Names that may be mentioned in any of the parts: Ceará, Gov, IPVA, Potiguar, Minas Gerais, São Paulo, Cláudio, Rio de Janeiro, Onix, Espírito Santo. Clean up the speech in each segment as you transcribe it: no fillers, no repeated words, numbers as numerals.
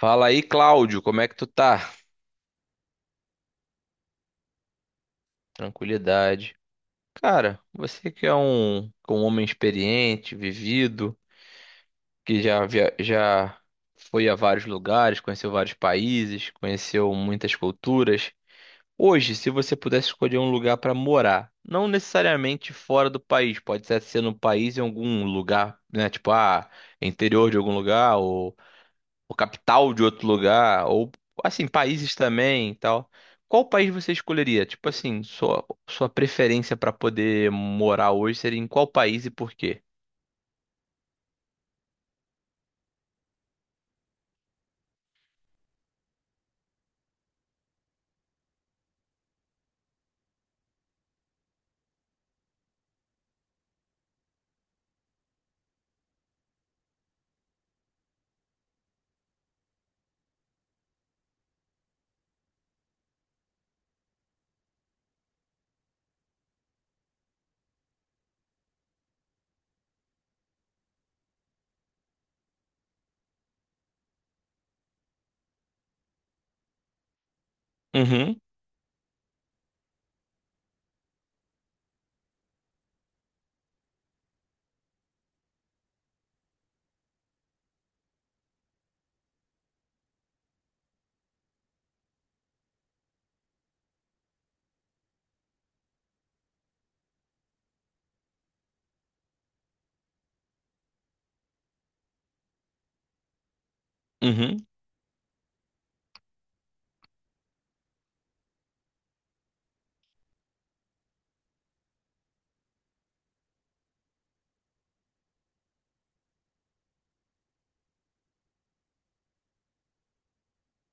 Fala aí, Cláudio, como é que tu tá? Tranquilidade. Cara, você que é um homem experiente, vivido, que já foi a vários lugares, conheceu vários países, conheceu muitas culturas. Hoje, se você pudesse escolher um lugar para morar, não necessariamente fora do país, pode ser no país em algum lugar, né? Interior de algum lugar ou capital de outro lugar, ou assim, países também e tal. Qual país você escolheria? Tipo assim, sua preferência para poder morar hoje seria em qual país e por quê? Uhum. Uhum.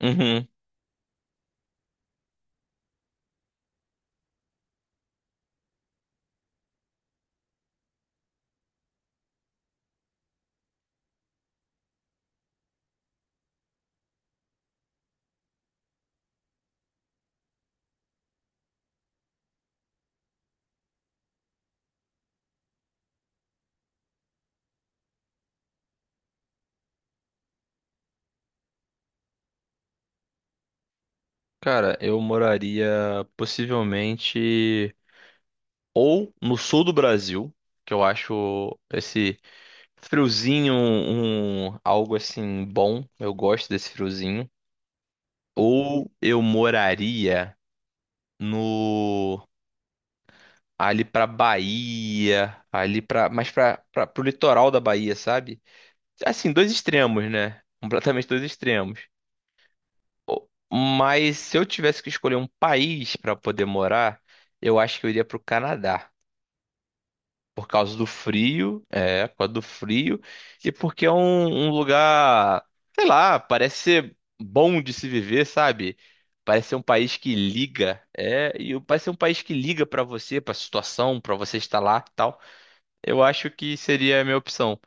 Uhum. Cara, eu moraria possivelmente ou no sul do Brasil, que eu acho esse friozinho algo assim bom. Eu gosto desse friozinho. Ou eu moraria no ali pra Bahia, ali pra, mais pra, pra, pro litoral da Bahia, sabe? Assim, dois extremos, né? Completamente dois extremos. O- Mas se eu tivesse que escolher um país pra poder morar, eu acho que eu iria pro Canadá. Por causa do frio, é, por causa do frio, e porque é um lugar, sei lá, parece ser bom de se viver, sabe? Parece ser um país que liga, é, e parece ser um país que liga pra você, pra situação, pra você estar lá e tal. Eu acho que seria a minha opção.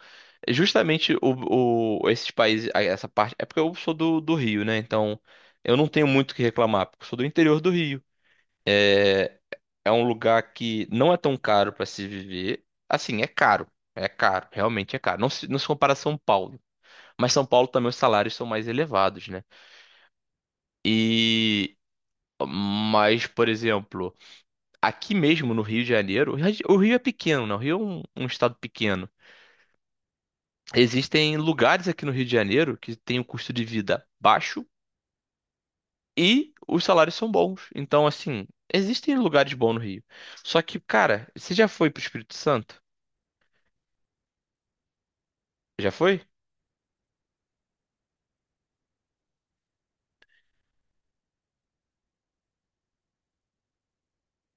É justamente esses países, essa parte. É porque eu sou do Rio, né? Então eu não tenho muito o que reclamar, porque eu sou do interior do Rio. É, é um lugar que não é tão caro para se viver. Assim, é caro. É caro, realmente é caro. Não se compara a São Paulo. Mas São Paulo também os salários são mais elevados, né? E. Mas, por exemplo, aqui mesmo no Rio de Janeiro, o Rio é pequeno, né? O Rio é um estado pequeno. Existem lugares aqui no Rio de Janeiro que tem um custo de vida baixo e os salários são bons. Então, assim, existem lugares bons no Rio. Só que, cara, você já foi pro Espírito Santo? Já foi?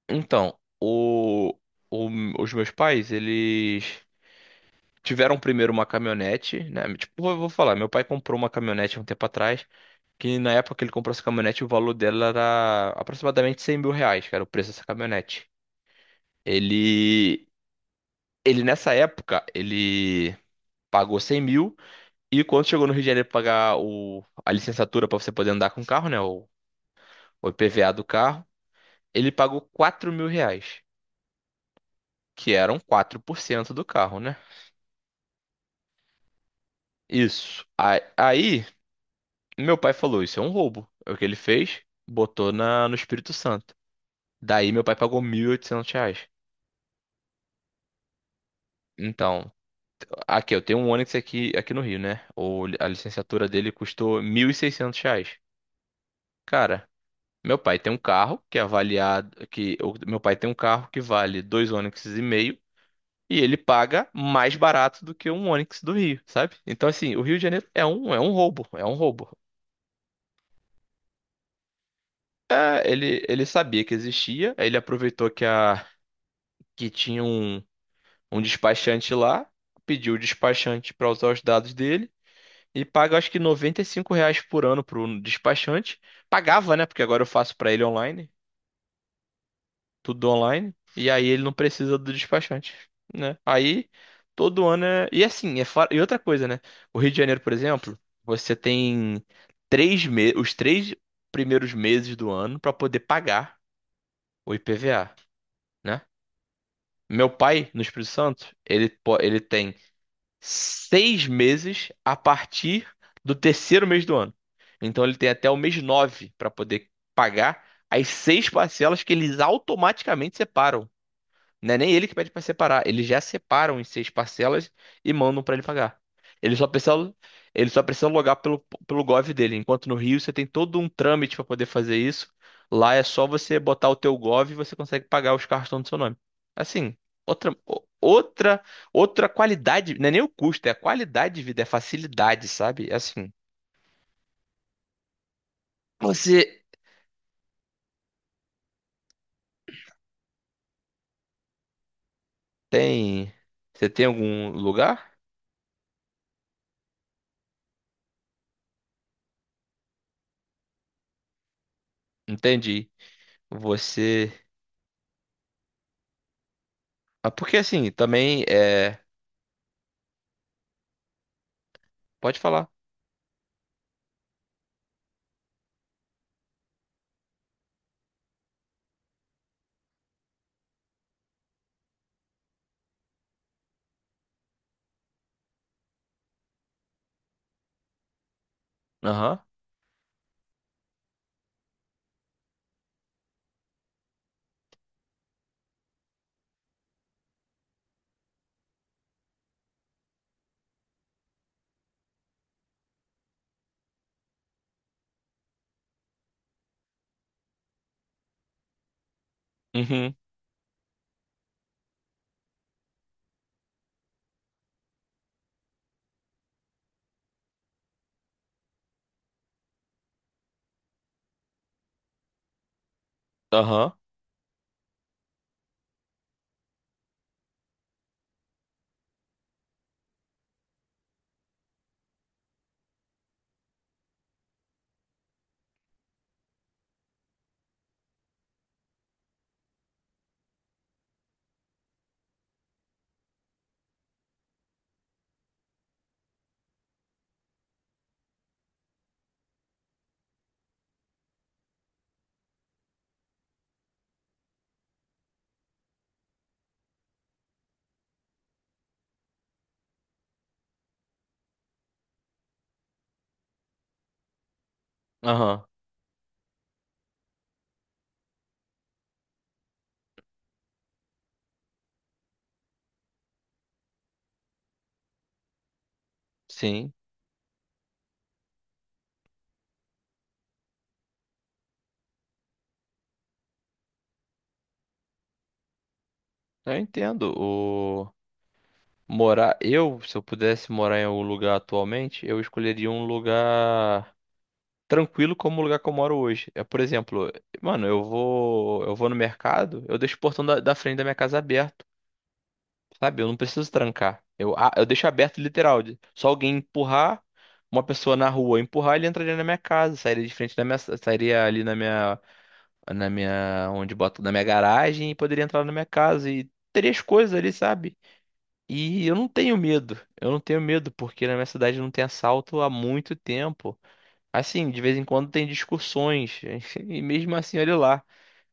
Então, os meus pais, eles tiveram primeiro uma caminhonete, né? Tipo, eu vou falar, meu pai comprou uma caminhonete há um tempo atrás, que na época que ele comprou essa caminhonete, o valor dela era aproximadamente 100 mil reais, que era o preço dessa caminhonete. Ele, ele nessa época, ele pagou 100 mil, e quando chegou no Rio de Janeiro pra pagar a licenciatura pra você poder andar com o carro, né? O IPVA do carro, ele pagou 4 mil reais, que eram 4% do carro, né? Isso. Meu pai falou: isso é um roubo. É o que ele fez, botou no Espírito Santo. Daí, meu pai pagou 1.800 reais. Então, aqui, eu tenho um Onix aqui, aqui no Rio, né? A licenciatura dele custou 1.600 reais. Cara, meu pai tem um carro que é avaliado, que meu pai tem um carro que vale dois Onix e meio e ele paga mais barato do que um Onix do Rio, sabe? Então assim, o Rio de Janeiro é um roubo, é um roubo. É, ele sabia que existia, aí ele aproveitou que a que tinha um despachante lá, pediu o despachante para usar os dados dele e paga acho que 95 reais por ano pro despachante. Pagava, né? Porque agora eu faço para ele online, tudo online, e aí ele não precisa do despachante, né? Aí todo ano é. E assim, é fora e outra coisa, né? O Rio de Janeiro, por exemplo, você tem 3 meses, os 3 primeiros meses do ano para poder pagar o IPVA, né? Meu pai, no Espírito Santo, ele, ele tem 6 meses a partir do terceiro mês do ano. Então ele tem até o mês nove para poder pagar as 6 parcelas que eles automaticamente separam. Não é nem ele que pede para separar, eles já separam em 6 parcelas e mandam para ele pagar. Ele só precisa, ele só precisa logar pelo Gov dele, enquanto no Rio você tem todo um trâmite para poder fazer isso. Lá é só você botar o teu Gov e você consegue pagar os carros que estão no seu nome. Assim, outra, o- outra, outra qualidade, não é nem o custo, é a qualidade de vida, é a facilidade, sabe? É assim, você tem, você tem algum lugar? Entendi. Você, ah, porque assim, também é, pode falar. Aham. Uhum. Aham. Aham. Sim. Eu entendo. O morar eu, se eu pudesse morar em algum lugar atualmente, eu escolheria um lugar tranquilo como o lugar que eu moro hoje. É, por exemplo, mano, eu vou no mercado, eu deixo o portão da frente da minha casa aberto, sabe? Eu não preciso trancar. Eu deixo aberto literal. Só alguém empurrar, uma pessoa na rua empurrar, ele entraria na minha casa, sairia de frente da minha, sairia ali onde boto na minha garagem e poderia entrar na minha casa e teria as coisas ali, sabe? E eu não tenho medo. Eu não tenho medo porque na minha cidade não tem assalto há muito tempo. Assim, de vez em quando tem discussões e mesmo assim, olha lá.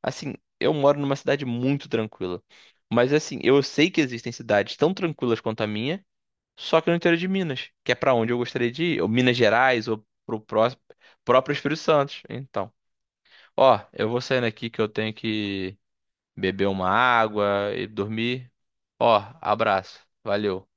Assim, eu moro numa cidade muito tranquila. Mas assim, eu sei que existem cidades tão tranquilas quanto a minha, só que no interior de Minas, que é pra onde eu gostaria de ir, ou Minas Gerais ou pro próprio Espírito Santo. Então, ó, eu vou saindo aqui que eu tenho que beber uma água e dormir. Ó, abraço. Valeu.